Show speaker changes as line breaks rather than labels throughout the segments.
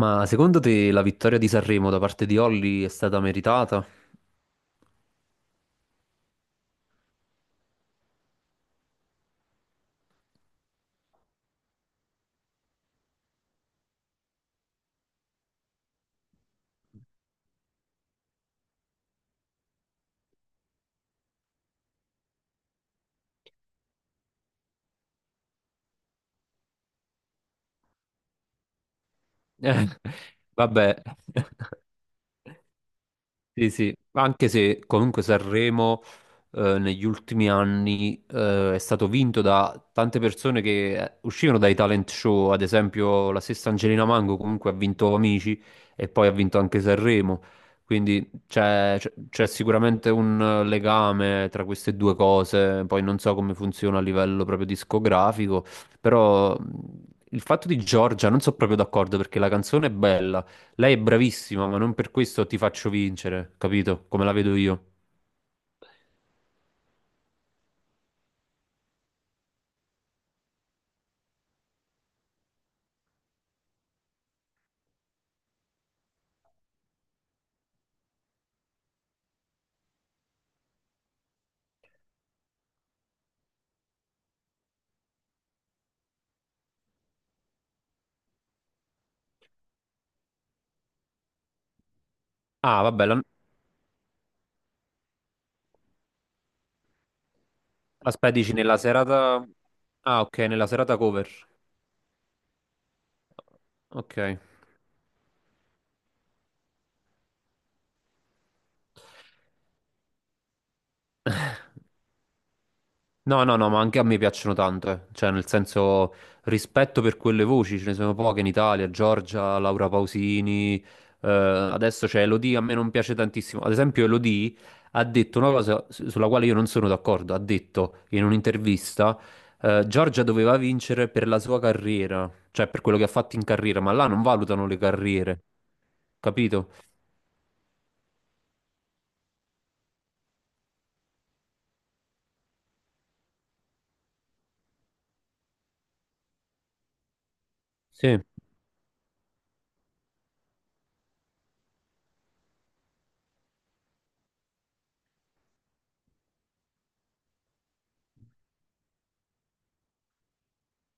Ma secondo te la vittoria di Sanremo da parte di Olly è stata meritata? Eh, vabbè. Sì, sì, anche se comunque Sanremo negli ultimi anni è stato vinto da tante persone che uscivano dai talent show, ad esempio la stessa Angelina Mango comunque ha vinto Amici e poi ha vinto anche Sanremo, quindi c'è sicuramente un legame tra queste due cose, poi non so come funziona a livello proprio discografico, però il fatto di Giorgia non sono proprio d'accordo perché la canzone è bella. Lei è bravissima, ma non per questo ti faccio vincere, capito? Come la vedo io. Ah, vabbè, la... aspetta, dici nella serata... Ah, ok, nella serata cover. Ok. No, no, no, ma anche a me piacciono tanto, eh. Cioè, nel senso, rispetto per quelle voci, ce ne sono poche in Italia, Giorgia, Laura Pausini, adesso c'è Elodie, a me non piace tantissimo. Ad esempio, Elodie ha detto una cosa sulla quale io non sono d'accordo, ha detto in un'intervista, Giorgia doveva vincere per la sua carriera, cioè per quello che ha fatto in carriera, ma là non valutano le carriere, capito? Sì.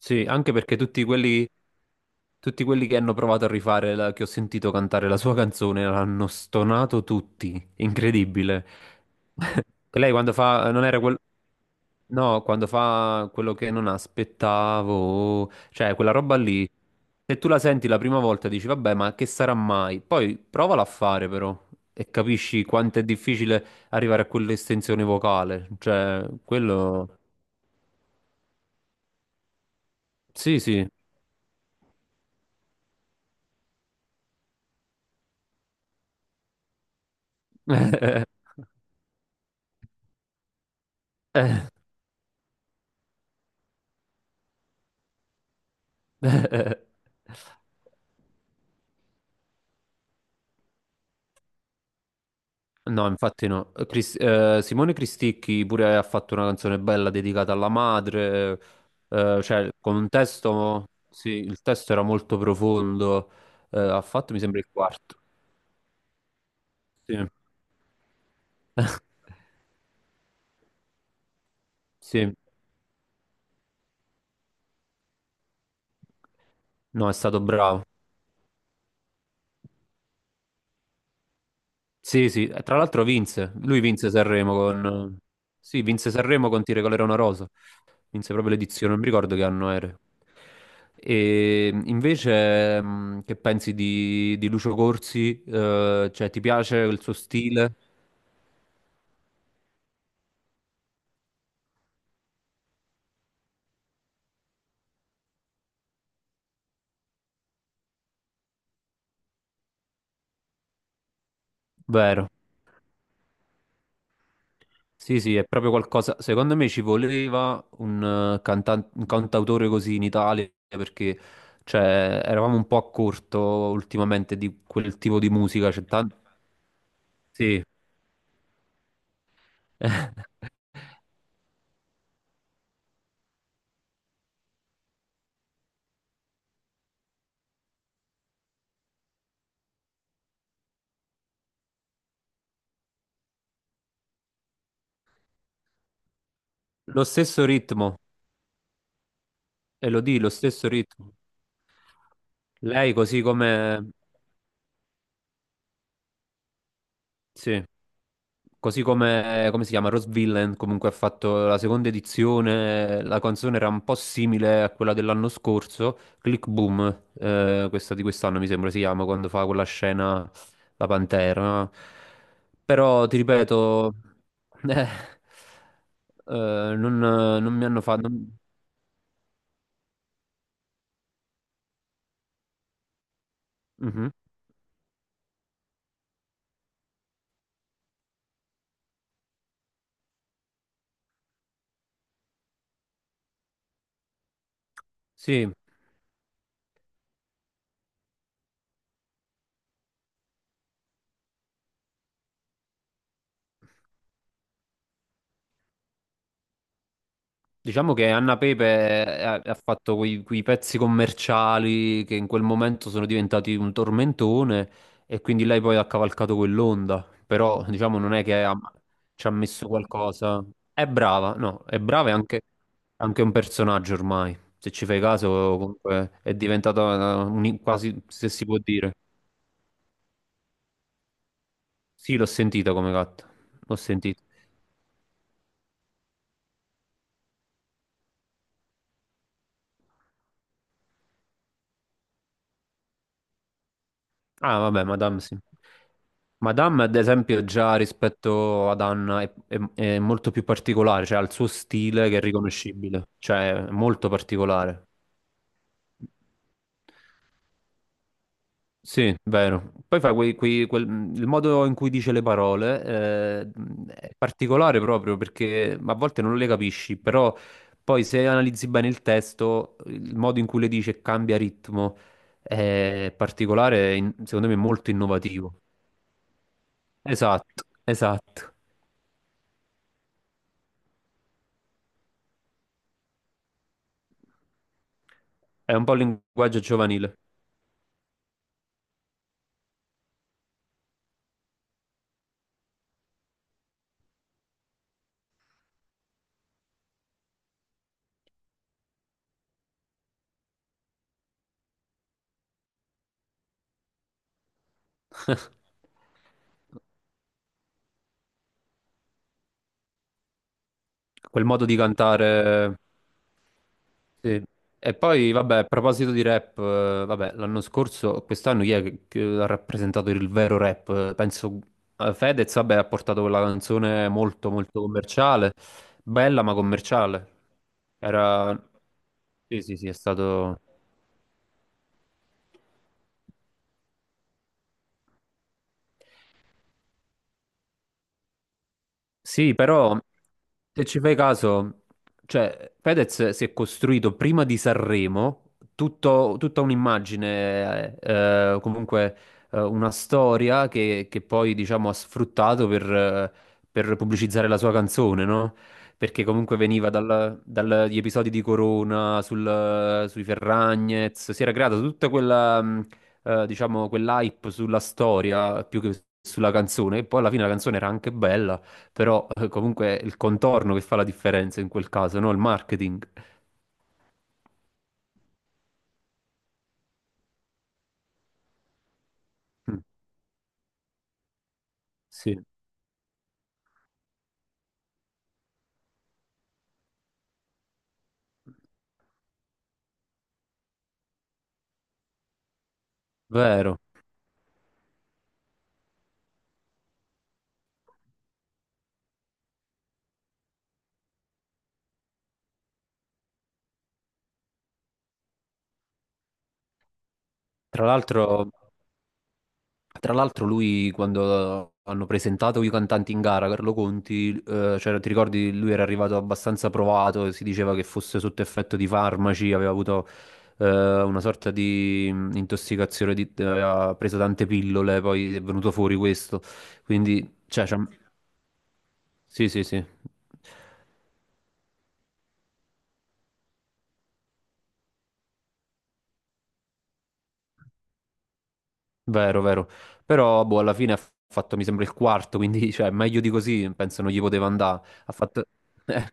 Sì, anche perché tutti quelli che hanno provato a rifare, che ho sentito cantare la sua canzone, l'hanno stonato tutti. Incredibile. Che Lei quando fa, non era quel, no, quando fa quello che non aspettavo, cioè quella roba lì, se tu la senti la prima volta dici, vabbè, ma che sarà mai? Poi provala a fare però e capisci quanto è difficile arrivare a quell'estensione vocale, cioè quello, sì, sì. No, infatti no. Simone Cristicchi pure ha fatto una canzone bella dedicata alla madre, cioè con un testo, sì, il testo era molto profondo, ha fatto mi sembra il quarto. Sì. Sì, no, è stato bravo. Sì, sì, e tra l'altro vinse, lui vinse Sanremo con... Sì, vinse Sanremo con Ti regalerò una rosa. Inizia proprio l'edizione, non mi ricordo che anno era. E invece, che pensi di Lucio Corsi? Cioè, ti piace il suo stile? Vero. Sì, sì, è proprio qualcosa. Secondo me ci voleva un, un cantautore così in Italia perché cioè, eravamo un po' a corto ultimamente di quel tipo di musica. C'è tanto. Sì. Lo stesso ritmo, Elodie, lo stesso ritmo. Lei così come sì, così come, come si chiama, Rose Villain comunque ha fatto la seconda edizione, la canzone era un po' simile a quella dell'anno scorso, Click Boom, questa di quest'anno mi sembra si chiama, quando fa quella scena la Pantera. Però ti ripeto, eh, non mi hanno fatto... non- Mhm. Sì. Diciamo che Anna Pepe ha fatto quei pezzi commerciali che in quel momento sono diventati un tormentone e quindi lei poi ha cavalcato quell'onda, però diciamo non è che ha- ci ha messo qualcosa. È brava, no, è brava e anche, anche un personaggio ormai, se ci fai caso comunque è diventata quasi, se si può dire. Sì, l'ho sentita come gatta, l'ho sentita. Ah, vabbè, Madame sì. Madame, ad esempio, già rispetto ad Anna è, è molto più particolare, cioè ha il suo stile che è riconoscibile, cioè è molto particolare. Sì, vero. Poi fa il modo in cui dice le parole eh, è particolare proprio perché a volte non le capisci, però poi se analizzi bene il testo, il modo in cui le dice cambia ritmo, è particolare, in- secondo me molto innovativo. Esatto, esatto. È un po' il linguaggio giovanile. Quel modo di cantare. Sì. E poi, vabbè, a proposito di rap, vabbè, l'anno scorso, quest'anno chi è che ha rappresentato il vero rap? Penso Fedez, vabbè, ha portato quella canzone molto commerciale, bella ma commerciale. Era... Sì, sì, sì, è stato... Sì, però se ci fai caso, cioè Fedez si è costruito prima di Sanremo tutta un'immagine, comunque una storia che poi diciamo ha sfruttato per pubblicizzare la sua canzone, no? Perché comunque veniva dagli episodi di Corona, sui Ferragnez, si era creata tutta quella, diciamo, quell'hype sulla storia più che sulla canzone, e poi alla fine la canzone era anche bella. Però comunque è il contorno che fa la differenza in quel caso, no? Il marketing. Mm, sì, vero. Tra l'altro, tra l'altro lui quando hanno presentato i cantanti in gara, Carlo Conti, cioè, ti ricordi, lui era arrivato abbastanza provato, si diceva che fosse sotto effetto di farmaci, aveva avuto eh, una sorta di intossicazione, aveva preso tante pillole, poi è venuto fuori questo. Quindi, cioè, c'ha- sì, sì, sì. Vero, vero. Però, boh, alla fine ha fatto, mi sembra, il quarto, quindi, cioè, meglio di così, penso non gli poteva andare. Ha fatto... eh,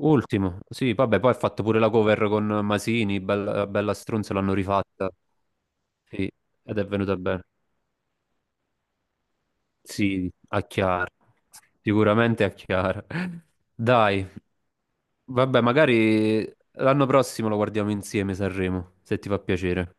ultimo, sì, vabbè, poi ha fatto pure la cover con Masini, bella, bella stronza, l'hanno rifatta. Sì, ed è venuta bene. Sì, a Chiara, sicuramente a Chiara. Dai, vabbè, magari l'anno prossimo lo guardiamo insieme, Sanremo, se ti fa piacere.